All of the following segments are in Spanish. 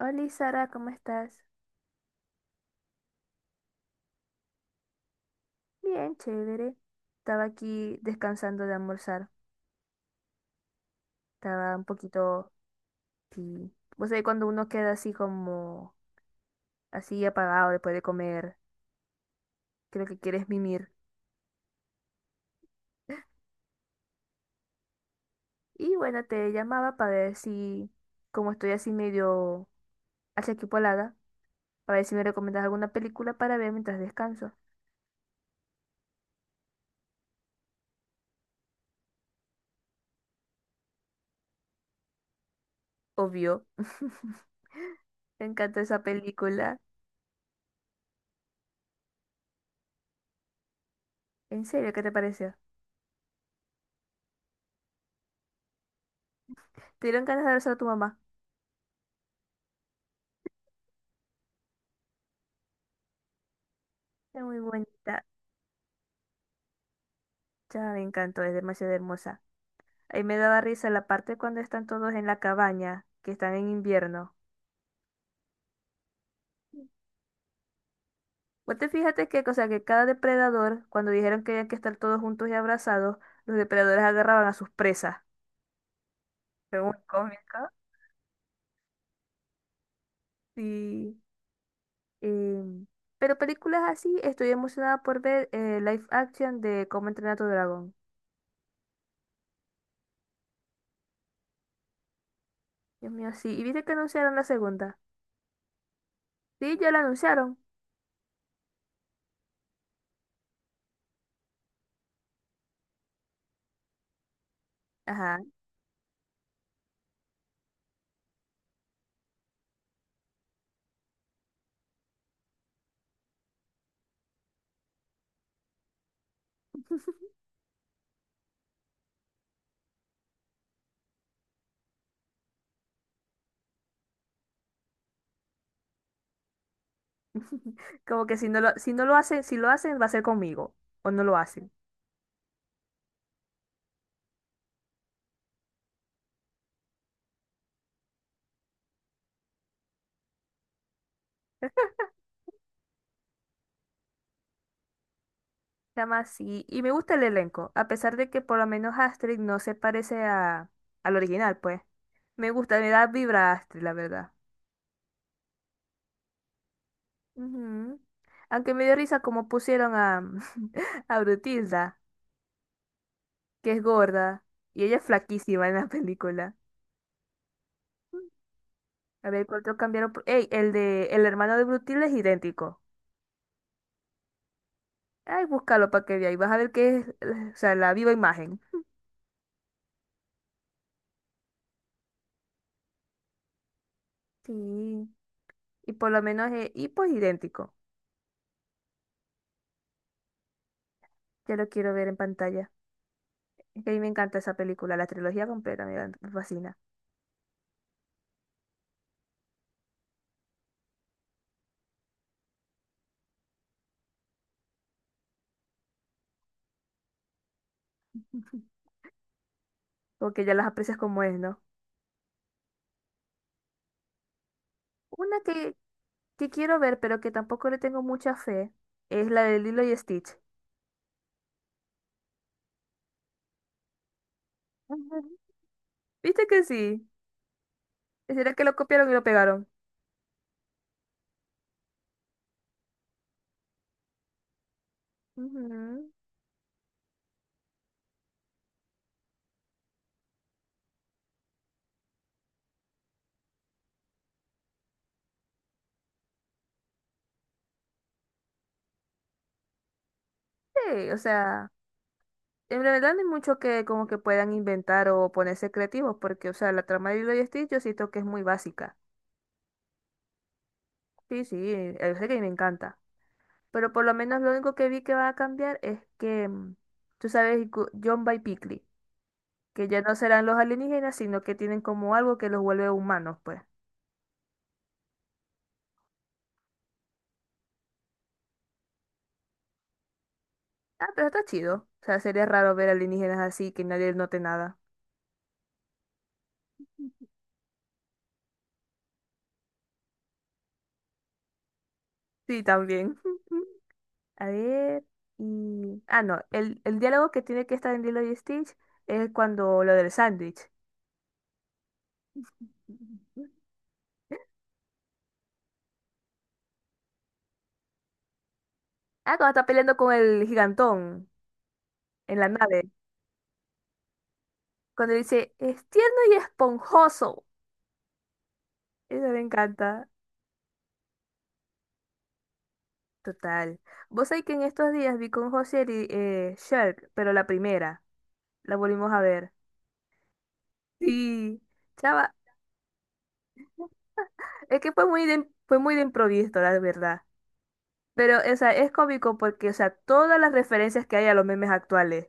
Hola Sara, ¿cómo estás? Bien, chévere. Estaba aquí descansando de almorzar. Estaba un poquito, sí. Vos sabés cuando uno queda así como, así apagado después de comer, creo que quieres mimir. Y bueno, te llamaba para ver si, como estoy así medio achaquipolada, para ver si me recomiendas alguna película para ver mientras descanso. Obvio. Me encanta esa película. ¿En serio? ¿Qué te pareció? ¿Te dieron ganas de abrazar a tu mamá? Es muy bonita. Ya me encantó, es demasiado hermosa. Ahí me daba risa la parte cuando están todos en la cabaña, que están en invierno. Vos te fíjate que, o sea, que cada depredador, cuando dijeron que había que estar todos juntos y abrazados, los depredadores agarraban a sus presas. Fue muy cómico. Sí. em, pero películas así, estoy emocionada por ver live action de Cómo entrenar a tu dragón. Dios mío, sí. ¿Y viste que anunciaron la segunda? Sí, ya la anunciaron. Ajá. Como que si no lo hacen, si lo hacen, va a ser conmigo. O no lo hacen. Se llama así. Y me gusta el elenco, a pesar de que por lo menos Astrid no se parece a, al original, pues. Me gusta, me da vibra a Astrid, la verdad. Ujú. Aunque me dio risa como a Brutilda, que es gorda, y ella es flaquísima en la película. A ver, ¿cuánto cambiaron? Ey, el de el hermano de Brutilda es idéntico. Ay, búscalo para que veas. Y vas a ver que es, o sea, la viva imagen. Sí. Y por lo menos es, y pues idéntico. Ya lo quiero ver en pantalla. Que a mí me encanta esa película, la trilogía completa, me fascina. Porque ya las aprecias como es, ¿no? Una que, que quiero ver, pero que tampoco le tengo mucha fe, es la de Lilo y Stitch. Ujú. ¿Viste que sí? ¿Será que lo copiaron y lo pegaron? Ujú. Sí, o sea, en realidad no hay mucho que como que puedan inventar o ponerse creativos, porque, o sea, la trama de Lilo y Stitch yo siento que es muy básica. Sí, sí, yo sé que me encanta. Pero por lo menos lo único que vi que va a cambiar es que, tú sabes, John by Pickley. Que ya no serán los alienígenas, sino que tienen como algo que los vuelve humanos, pues. Ah, pero está chido. O sea, sería raro ver alienígenas así, que nadie note nada. Sí, también. A ver, y... Ah, no, el diálogo que tiene que estar en Lilo y Stitch es cuando lo del sándwich. Ah, cuando está peleando con el gigantón en la nave. Cuando dice, es tierno y esponjoso. Eso me encanta. Total. Vos sabés que en estos días vi con José y Shrek, pero la primera. La volvimos a ver. Sí, chava, es que fue muy de improviso, la verdad. Pero, o sea, es cómico porque, o sea, todas las referencias que hay a los memes actuales.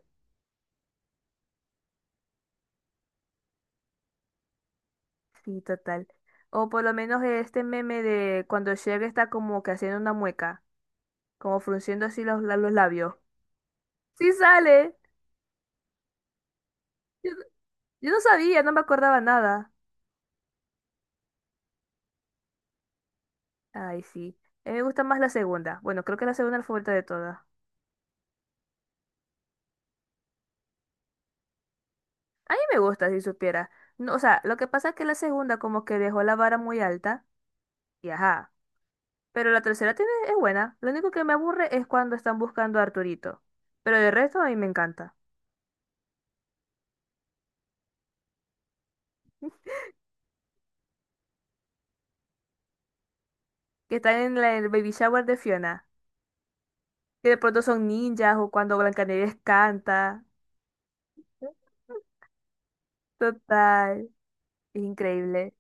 Sí, total. O por lo menos este meme de cuando Shaq está como que haciendo una mueca, como frunciendo así los labios. Sí sale. Yo, yo no sabía, no me acordaba nada. Ay, sí. A mí me gusta más la segunda. Bueno, creo que la segunda es la favorita de todas. A mí me gusta, si supiera. No, o sea, lo que pasa es que la segunda como que dejó la vara muy alta. Y ajá. Pero la tercera tiene, es buena. Lo único que me aburre es cuando están buscando a Arturito. Pero de resto a mí me encanta. Que están en el baby shower de Fiona. Que de pronto son ninjas o cuando Blancanieves canta. Total. Increíble.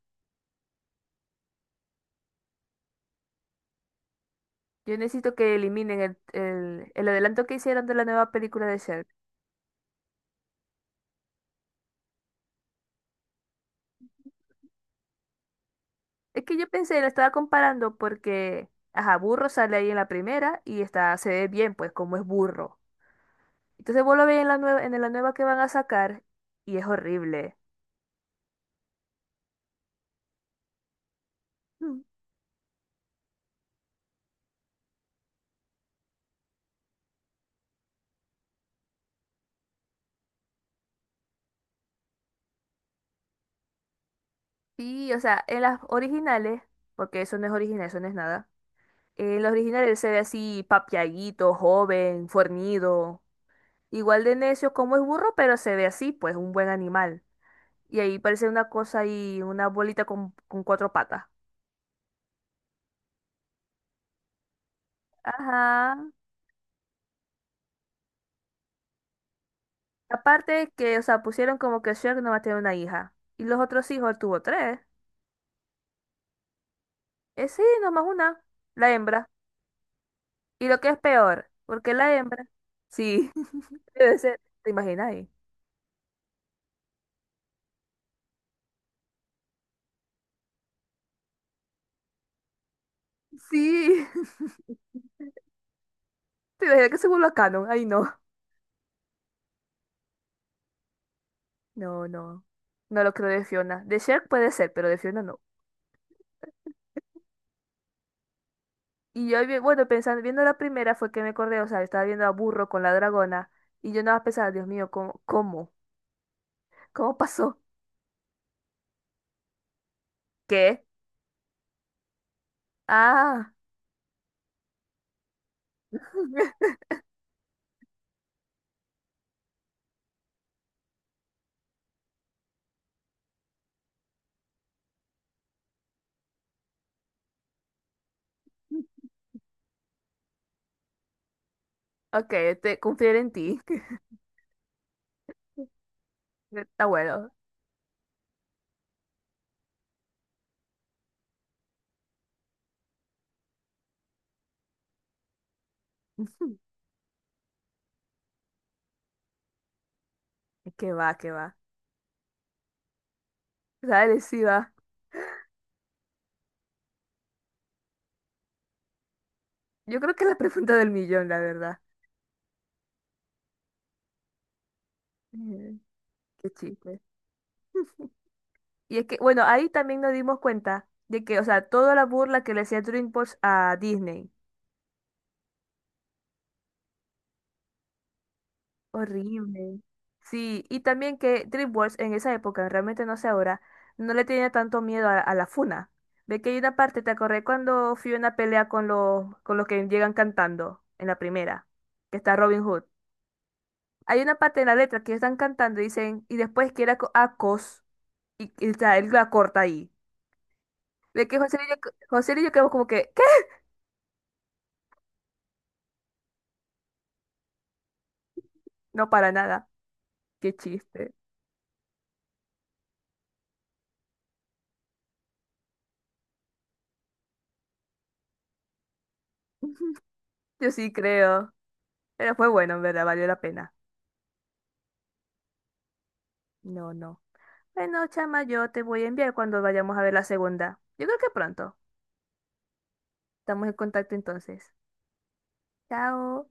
Yo necesito que eliminen el adelanto que hicieron de la nueva película de Shrek. Es que yo pensé, la estaba comparando porque, ajá, Burro sale ahí en la primera y está, se ve bien, pues, como es burro. Entonces vos lo ves en en la nueva que van a sacar y es horrible. Mm. Sí, o sea, en las originales, porque eso no es original, eso no es nada. En las originales se ve así papiaguito, joven, fornido, igual de necio como es burro, pero se ve así, pues un buen animal. Y ahí parece una cosa ahí, una bolita con cuatro patas. Ajá. Aparte que, o sea, pusieron como que Shrek nomás tiene una hija. Y los otros hijos, él tuvo tres. Sí, nomás una, la hembra. Y lo que es peor, porque la hembra, sí, debe ser, ¿te imaginas ahí? Sí, te imaginas que se vuelva canon, ay no, no, no, no lo creo de Fiona, de Shrek puede ser, pero de Fiona no. Y yo, bueno, pensando, viendo la primera fue que me acordé, o sea, estaba viendo a Burro con la dragona, y yo nada más pensaba, Dios mío, ¿cómo pasó? ¿Qué? Ah, ok, te confiaré en ti, está bueno. ¿Qué va, qué va? Dale, sí va. Yo creo que es la pregunta del millón, la verdad. Qué chiste. Y es que, bueno, ahí también nos dimos cuenta de que, o sea, toda la burla que le hacía DreamWorks a Disney. Horrible. Sí, y también que DreamWorks en esa época, realmente no sé ahora, no le tenía tanto miedo a la funa. Ve que hay una parte, ¿te acordé cuando Fiona pelea con con los que llegan cantando en la primera? Que está Robin Hood. Hay una parte en la letra que están cantando y dicen, y después que era acos, o sea, él la corta ahí. Ve que José Lillo, José Lillo quedó como que, ¿qué? No para nada. Qué chiste. Yo sí creo. Pero fue bueno, en verdad, valió la pena. No, no. Bueno, chama, yo te voy a enviar cuando vayamos a ver la segunda. Yo creo que pronto. Estamos en contacto entonces. Chao.